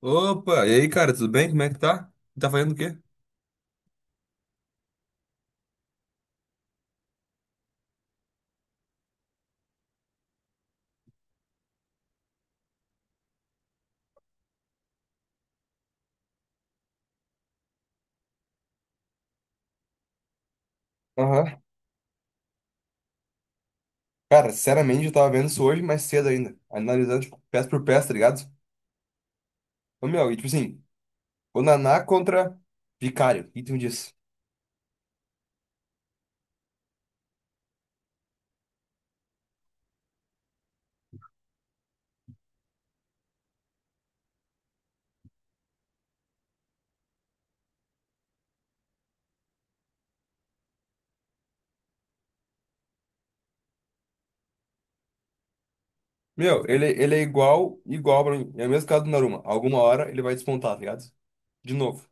Opa, e aí, cara, tudo bem? Como é que tá? Tá fazendo o quê? Aham. Cara, sinceramente, eu tava vendo isso hoje mais cedo ainda. Analisando, tipo, peça por peça, tá ligado? Ô, meu, e tipo assim, o Naná contra Vicário. O que tu me diz? Meu, ele é igual, igual pra mim. É o mesmo caso do Naruma. Alguma hora ele vai despontar, tá ligado? De novo.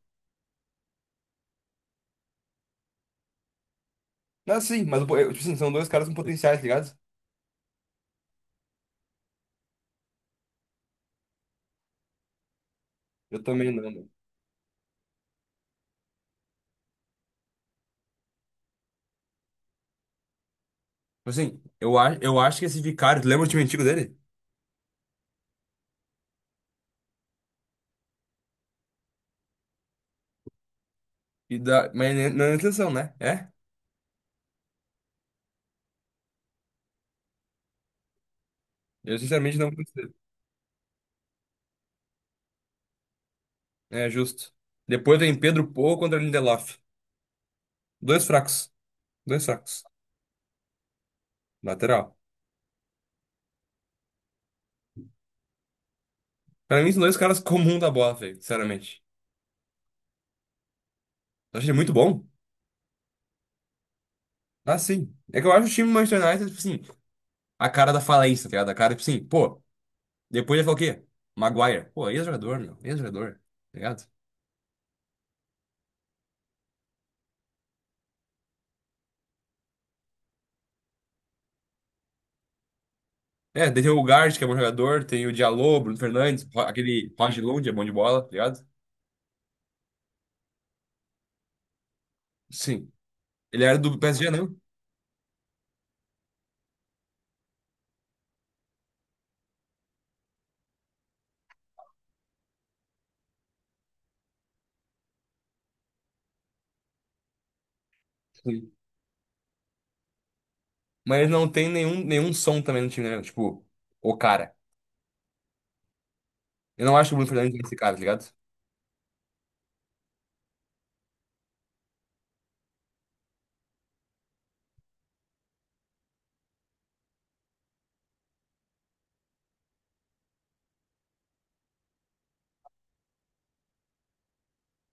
Não, sim, mas, eu, tipo assim, são dois caras com potenciais, tá ligado? Eu também não, meu. Assim, eu acho que esse Vicário, tu lembra o time antigo dele? Mas não é intenção, né? É? Eu sinceramente não consigo. É justo. Depois vem Pedro Porro contra Lindelof. Dois fracos. Dois fracos. Lateral. Pra mim, são dois caras comum da bola, velho. Sinceramente. Eu achei ele muito bom. Ah, sim. É que eu acho o time do Manchester United, tipo assim, a cara da falência, tá ligado? A cara, tipo assim, pô, depois ele falar o quê? Maguire. Pô, ex-jogador, meu. Ex-jogador. Tá ligado? É, daí tem o Gart, que é um bom jogador. Tem o Diallo, Bruno Fernandes. Aquele Reguilon, que é bom de bola, tá ligado? Sim. Ele era do PSG, não? Sim. Mas não tem nenhum som também no time, né? Tipo, o cara. Eu não acho que o Bruno Fernandes é esse cara, tá ligado?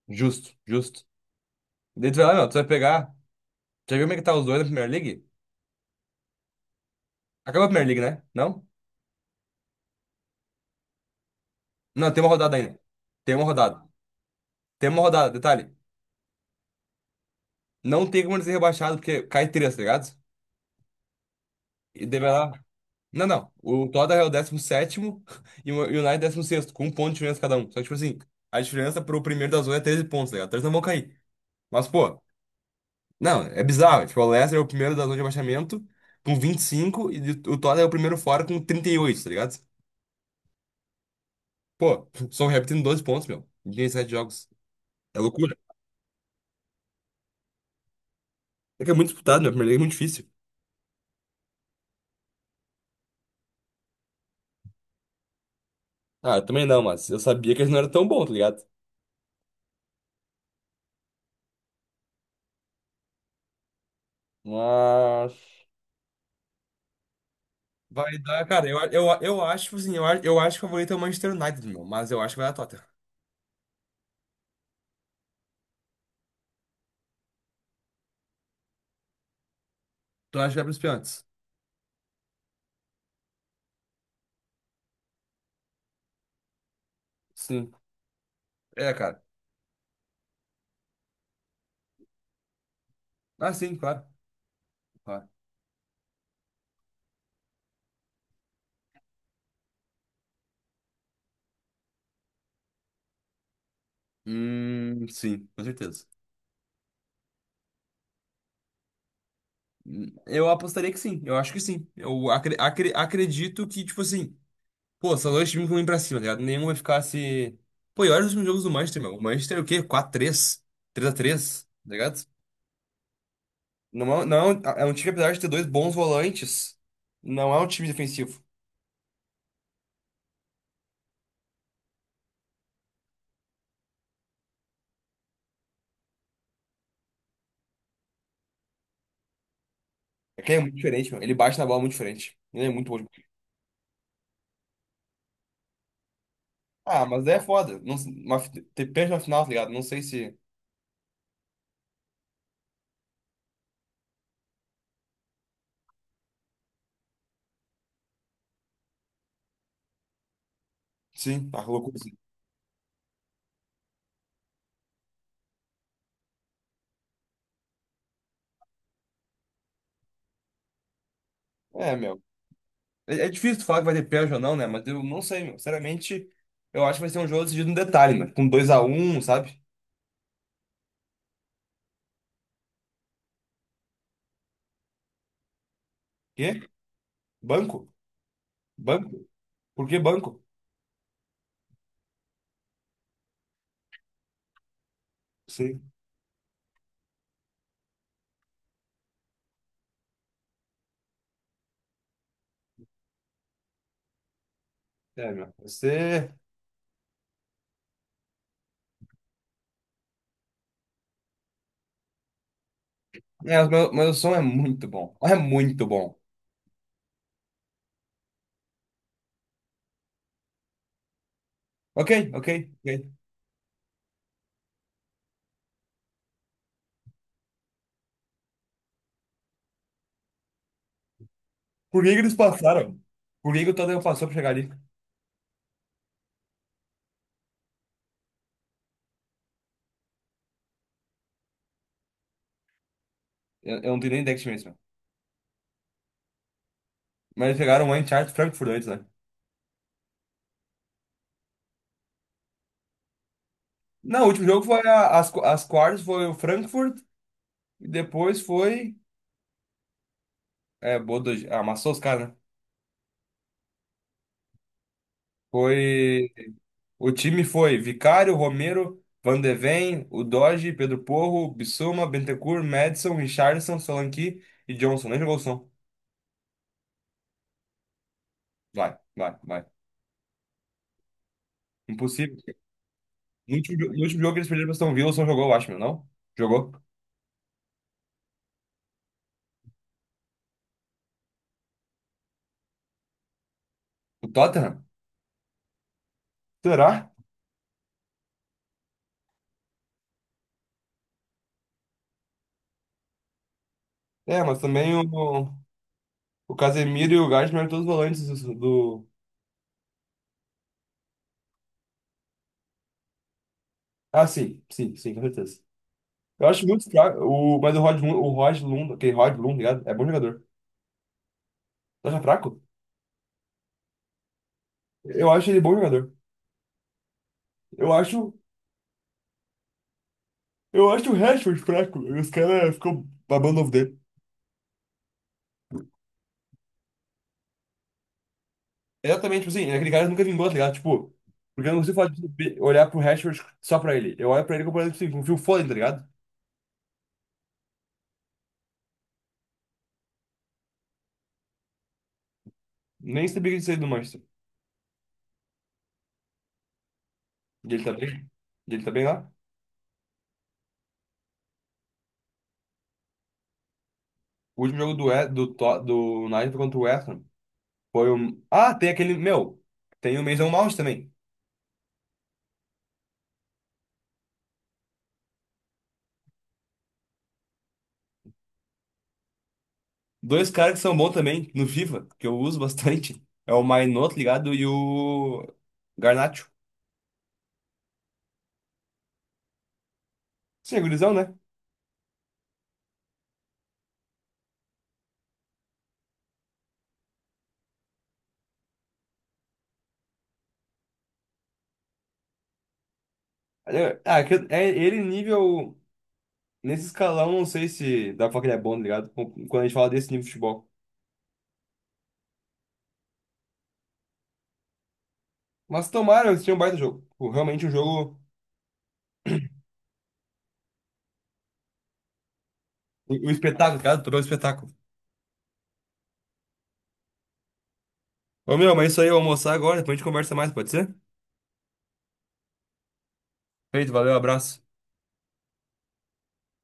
Justo, justo. Daí tu vai lá, meu, tu vai pegar. Já viu como é que tá os dois na Premier League? Acabou a Premier League, né? Não? Não, tem uma rodada ainda. Tem uma rodada. Tem uma rodada, detalhe. Não tem como ele ser rebaixado, porque cai três, tá ligado? E daí vai lá. Não, não. O Tottenham é o 17º e o United é 16º com um ponto de diferença cada um. Só que, tipo assim, a diferença pro primeiro da zona é 13 pontos, tá ligado? Três não vão cair. Mas, pô, não, é bizarro. Tipo, o Leicester é o primeiro da zona de rebaixamento com 25 e cinco e o Tottenham é o primeiro fora com 38, tá ligado? Pô, Southampton tem 12 pontos, meu. Em 17 jogos. É loucura. É que é muito disputado, meu. A Primeira Liga é muito difícil. Ah, eu também não, mas eu sabia que eles não eram tão bons, tá ligado? Mas. Vai dar, cara, eu acho, tipo assim, eu acho que o favorito é o Manchester United, meu. Mas eu acho que vai dar Tottenham. Tu acha que vai pros pênaltis? Sim. É, cara. Ah, sim, claro. Claro. Sim, com certeza. Eu apostaria que sim, eu acho que sim. Eu acredito que, tipo assim, pô, são dois times ruins pra cima, tá ligado? Nenhum vai ficar se. Pô, e olha os últimos jogos do Manchester, meu. O Manchester é o quê? 4 três 3-3, tá ligado? Não, é um time, apesar de ter dois bons volantes, não é um time defensivo. É que ele é muito diferente, meu. Ele bate na bola muito diferente. Ele é muito bom. Ah, mas daí é foda. Não, ter pênalti na final, tá ligado? Não sei se. Sim, tá louco assim. É, meu. É, é difícil tu falar que vai ter pênalti ou não, né? Mas eu não sei, meu. Sinceramente, eu acho que vai ser um jogo decidido no detalhe, né? Com 2-1, sabe? Quê? Banco? Banco? Por que banco? Sim. É, meu. Você. É, o meu som é muito bom. É muito bom. Ok, ok, ok. Por que que eles passaram? Por que que o Tottenham passou pra chegar ali? Eu não tenho nem ideia que time é esse, meu. Mas eles chegaram lá em Eintracht Frankfurt antes, né? Não, o último jogo foi as quartas, foi o Frankfurt. E depois foi. É, Bodo, ah, amassou os caras, né? Foi. O time foi Vicário, Romero, Van de Ven, o Doge, Pedro Porro, Bissuma, Bentancur, Madison, Richarlison, Solanke e Johnson. Nem jogou o som. Vai, vai, vai. Impossível. No último jogo que eles perderam pra Aston Villa, só jogou, eu acho, não? Jogou. O Tottenham? Será? É, mas também o Casemiro e o Gajmer eram todos volantes do. Ah, sim, sim, sim, com certeza. Eu acho muito fraco, mas o Rod Lund, aquele Rod Lund, ligado? É bom jogador. Tu acha fraco? Eu acho ele bom jogador. Eu acho, eu acho o Rashford fraco. Os caras ficam babando ovo dele. Exatamente, tipo assim, é aquele cara nunca vingou, tá ligado? Tipo, porque eu não consigo falar de olhar pro Rashford só pra ele. Eu olho pra ele comparando, tipo assim, com o Phil, tá ligado? Nem sabia que ele saiu do Manchester. E ele tá bem? E ele tá bem lá? O último jogo do, We- do, To- do United foi contra o West Ham, foi um. Ah, tem aquele. Meu, tem o Mason Mount também. Dois caras que são bons também no FIFA, que eu uso bastante. É o Mainoto, ligado? E o Garnacho. Sim, é gurizão, né? É ele nível. Nesse escalão, não sei se dá pra falar que ele é bom, tá ligado? Quando a gente fala desse nível de futebol. Mas tomara, eles tinham um baita jogo. Tipo, realmente um jogo, um espetáculo, tá ligado? Todo um espetáculo. Ô meu, mas é isso aí, eu vou almoçar agora, depois a gente conversa mais, pode ser? Feito, valeu, abraço.